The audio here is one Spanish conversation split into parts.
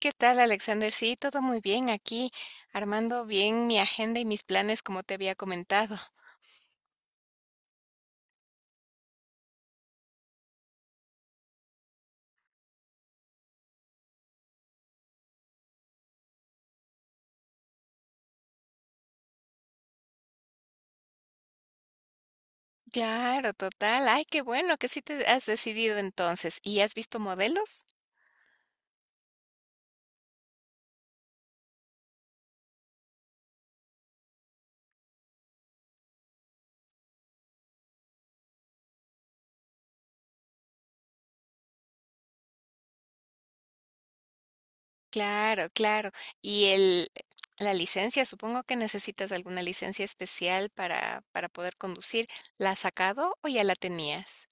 ¿Qué tal, Alexander? Sí, todo muy bien aquí, armando bien mi agenda y mis planes como te había comentado. Claro, total. Ay, qué bueno que sí te has decidido entonces. ¿Y has visto modelos? Claro, claro. ¿Y el la licencia? Supongo que necesitas alguna licencia especial para poder conducir. ¿La has sacado o ya la tenías?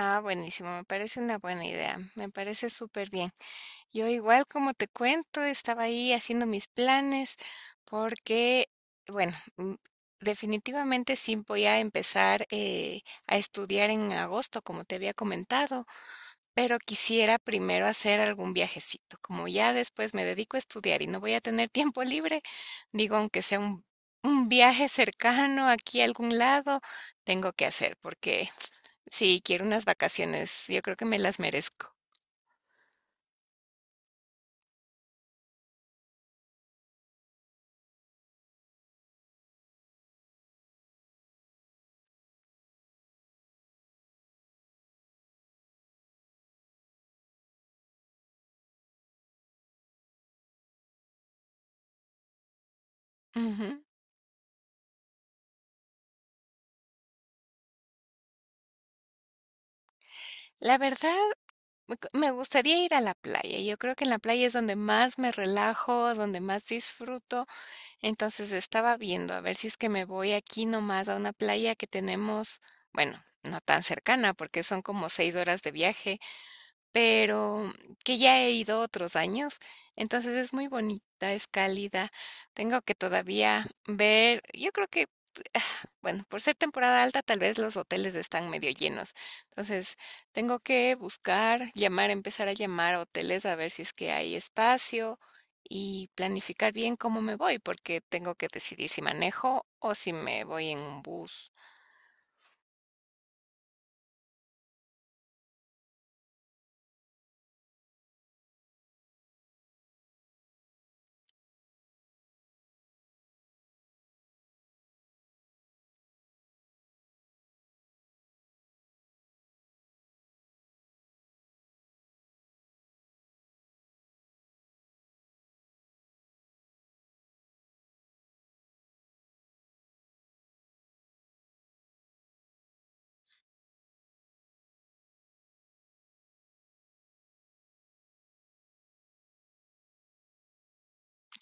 Ah, buenísimo, me parece una buena idea. Me parece súper bien. Yo igual, como te cuento, estaba ahí haciendo mis planes porque, bueno, mm, definitivamente sí voy a empezar a estudiar en agosto, como te había comentado, pero quisiera primero hacer algún viajecito. Como ya después me dedico a estudiar y no voy a tener tiempo libre, digo, aunque sea un viaje cercano aquí a algún lado, tengo que hacer porque sí, quiero unas vacaciones, yo creo que me las merezco. Ujú. La verdad, me gustaría ir a la playa. Yo creo que en la playa es donde más me relajo, donde más disfruto. Entonces, estaba viendo a ver si es que me voy aquí nomás a una playa que tenemos, bueno, no tan cercana, porque son como 6 horas de viaje, pero que ya he ido otros años. Entonces es muy bonita, es cálida. Tengo que todavía ver, yo creo que, bueno, por ser temporada alta, tal vez los hoteles están medio llenos. Entonces tengo que buscar, llamar, empezar a llamar a hoteles a ver si es que hay espacio y planificar bien cómo me voy, porque tengo que decidir si manejo o si me voy en un bus.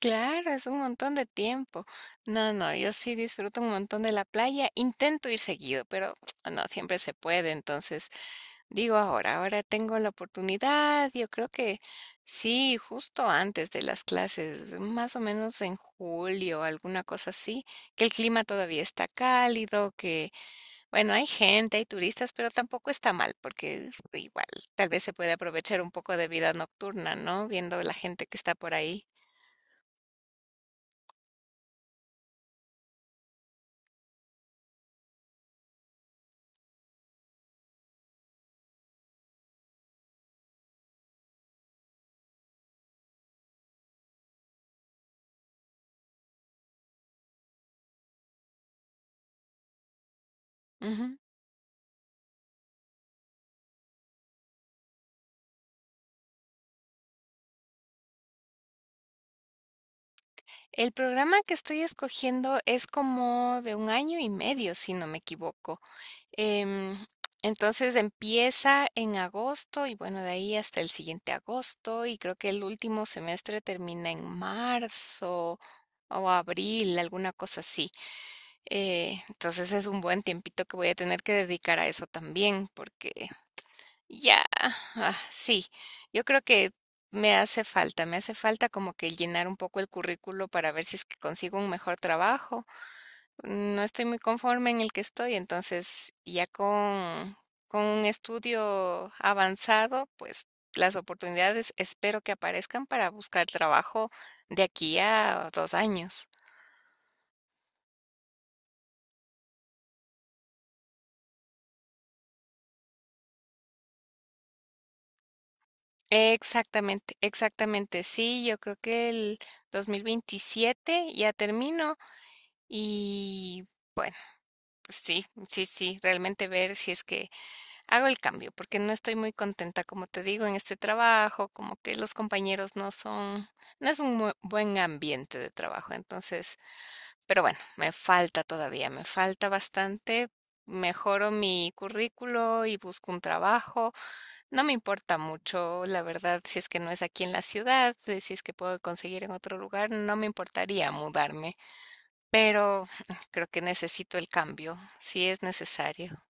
Claro, es un montón de tiempo. No, no, yo sí disfruto un montón de la playa. Intento ir seguido, pero no siempre se puede. Entonces, digo ahora, ahora tengo la oportunidad. Yo creo que sí, justo antes de las clases, más o menos en julio, alguna cosa así, que el clima todavía está cálido, que bueno, hay gente, hay turistas, pero tampoco está mal, porque igual tal vez se puede aprovechar un poco de vida nocturna, ¿no? Viendo la gente que está por ahí. Ujú. El programa que estoy escogiendo es como de 1 año y medio, si no me equivoco. Em, entonces empieza en agosto y bueno, de ahí hasta el siguiente agosto y creo que el último semestre termina en marzo o abril, alguna cosa así. Entonces es un buen tiempito que voy a tener que dedicar a eso también porque ya, ah, sí, yo creo que me hace falta como que llenar un poco el currículo para ver si es que consigo un mejor trabajo, no estoy muy conforme en el que estoy, entonces ya con un estudio avanzado, pues las oportunidades espero que aparezcan para buscar trabajo de aquí a 2 años. Exactamente, exactamente, sí, yo creo que el 2027 ya termino y bueno, pues sí, sí, sí, realmente ver si es que hago el cambio porque no estoy muy contenta, como te digo, en este trabajo, como que los compañeros no son, no es un buen ambiente de trabajo, entonces, pero bueno, me falta todavía, me falta bastante. Mejoro mi currículo y busco un trabajo. No me importa mucho, la verdad, si es que no es aquí en la ciudad, si es que puedo conseguir en otro lugar, no me importaría mudarme, pero creo que necesito el cambio, si es necesario.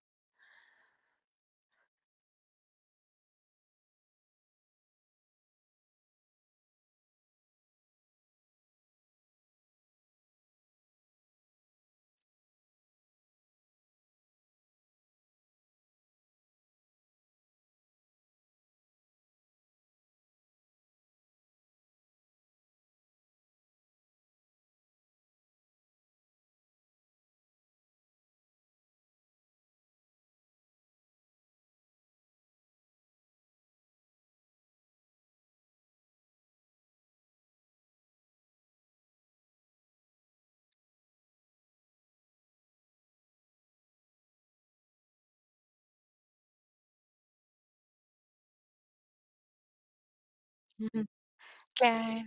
Ujú. Claro,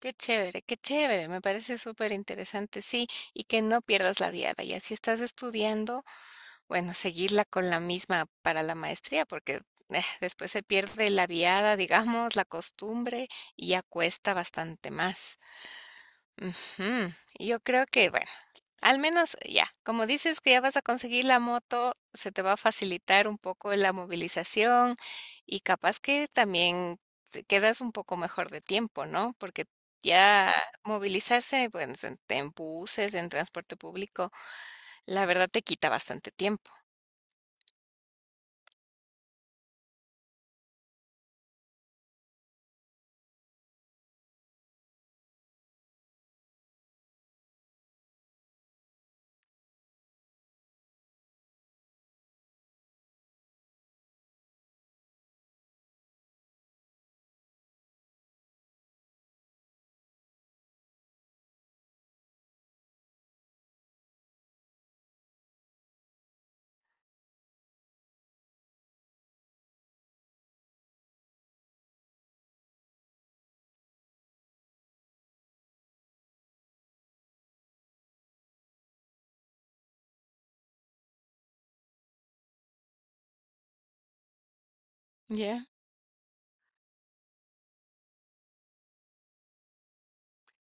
qué chévere, me parece súper interesante, sí, y que no pierdas la viada. Y así estás estudiando, bueno, seguirla con la misma para la maestría, porque después se pierde la viada, digamos, la costumbre, y ya cuesta bastante más. Ujú, y yo creo que, bueno, al menos ya, como dices que ya vas a conseguir la moto, se te va a facilitar un poco la movilización y capaz que también te quedas un poco mejor de tiempo, ¿no? Porque ya movilizarse, pues, en buses, en transporte público, la verdad te quita bastante tiempo. Ya.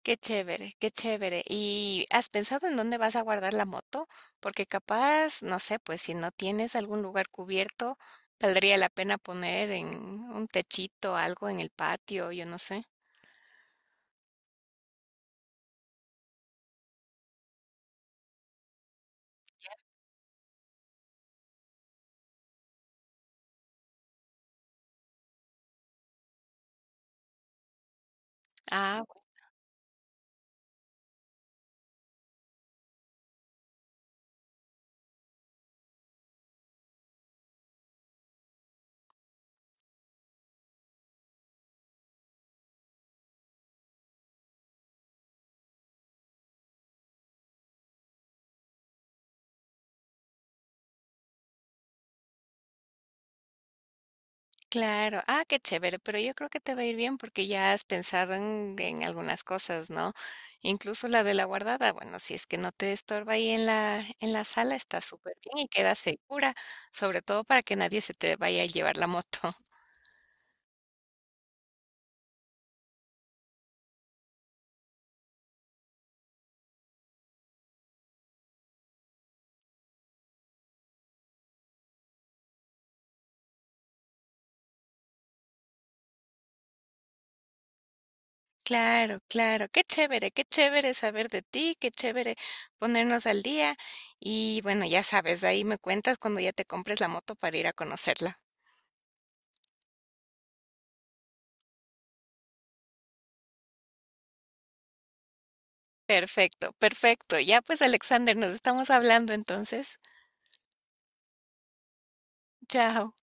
Qué chévere, qué chévere. ¿Y has pensado en dónde vas a guardar la moto? Porque capaz, no sé, pues si no tienes algún lugar cubierto, valdría la pena poner en un techito, algo en el patio, yo no sé. Ah, claro. Ah, qué chévere, pero yo creo que te va a ir bien porque ya has pensado en algunas cosas, ¿no? Incluso la de la guardada, bueno, si es que no te estorba ahí en la sala, está súper bien y queda segura, sobre todo para que nadie se te vaya a llevar la moto. Claro, claro, qué chévere saber de ti, qué chévere ponernos al día y bueno, ya sabes, ahí me cuentas cuando ya te compres la moto para ir a conocerla. Perfecto, perfecto. Ya pues, Alexander, nos estamos hablando entonces. Chao.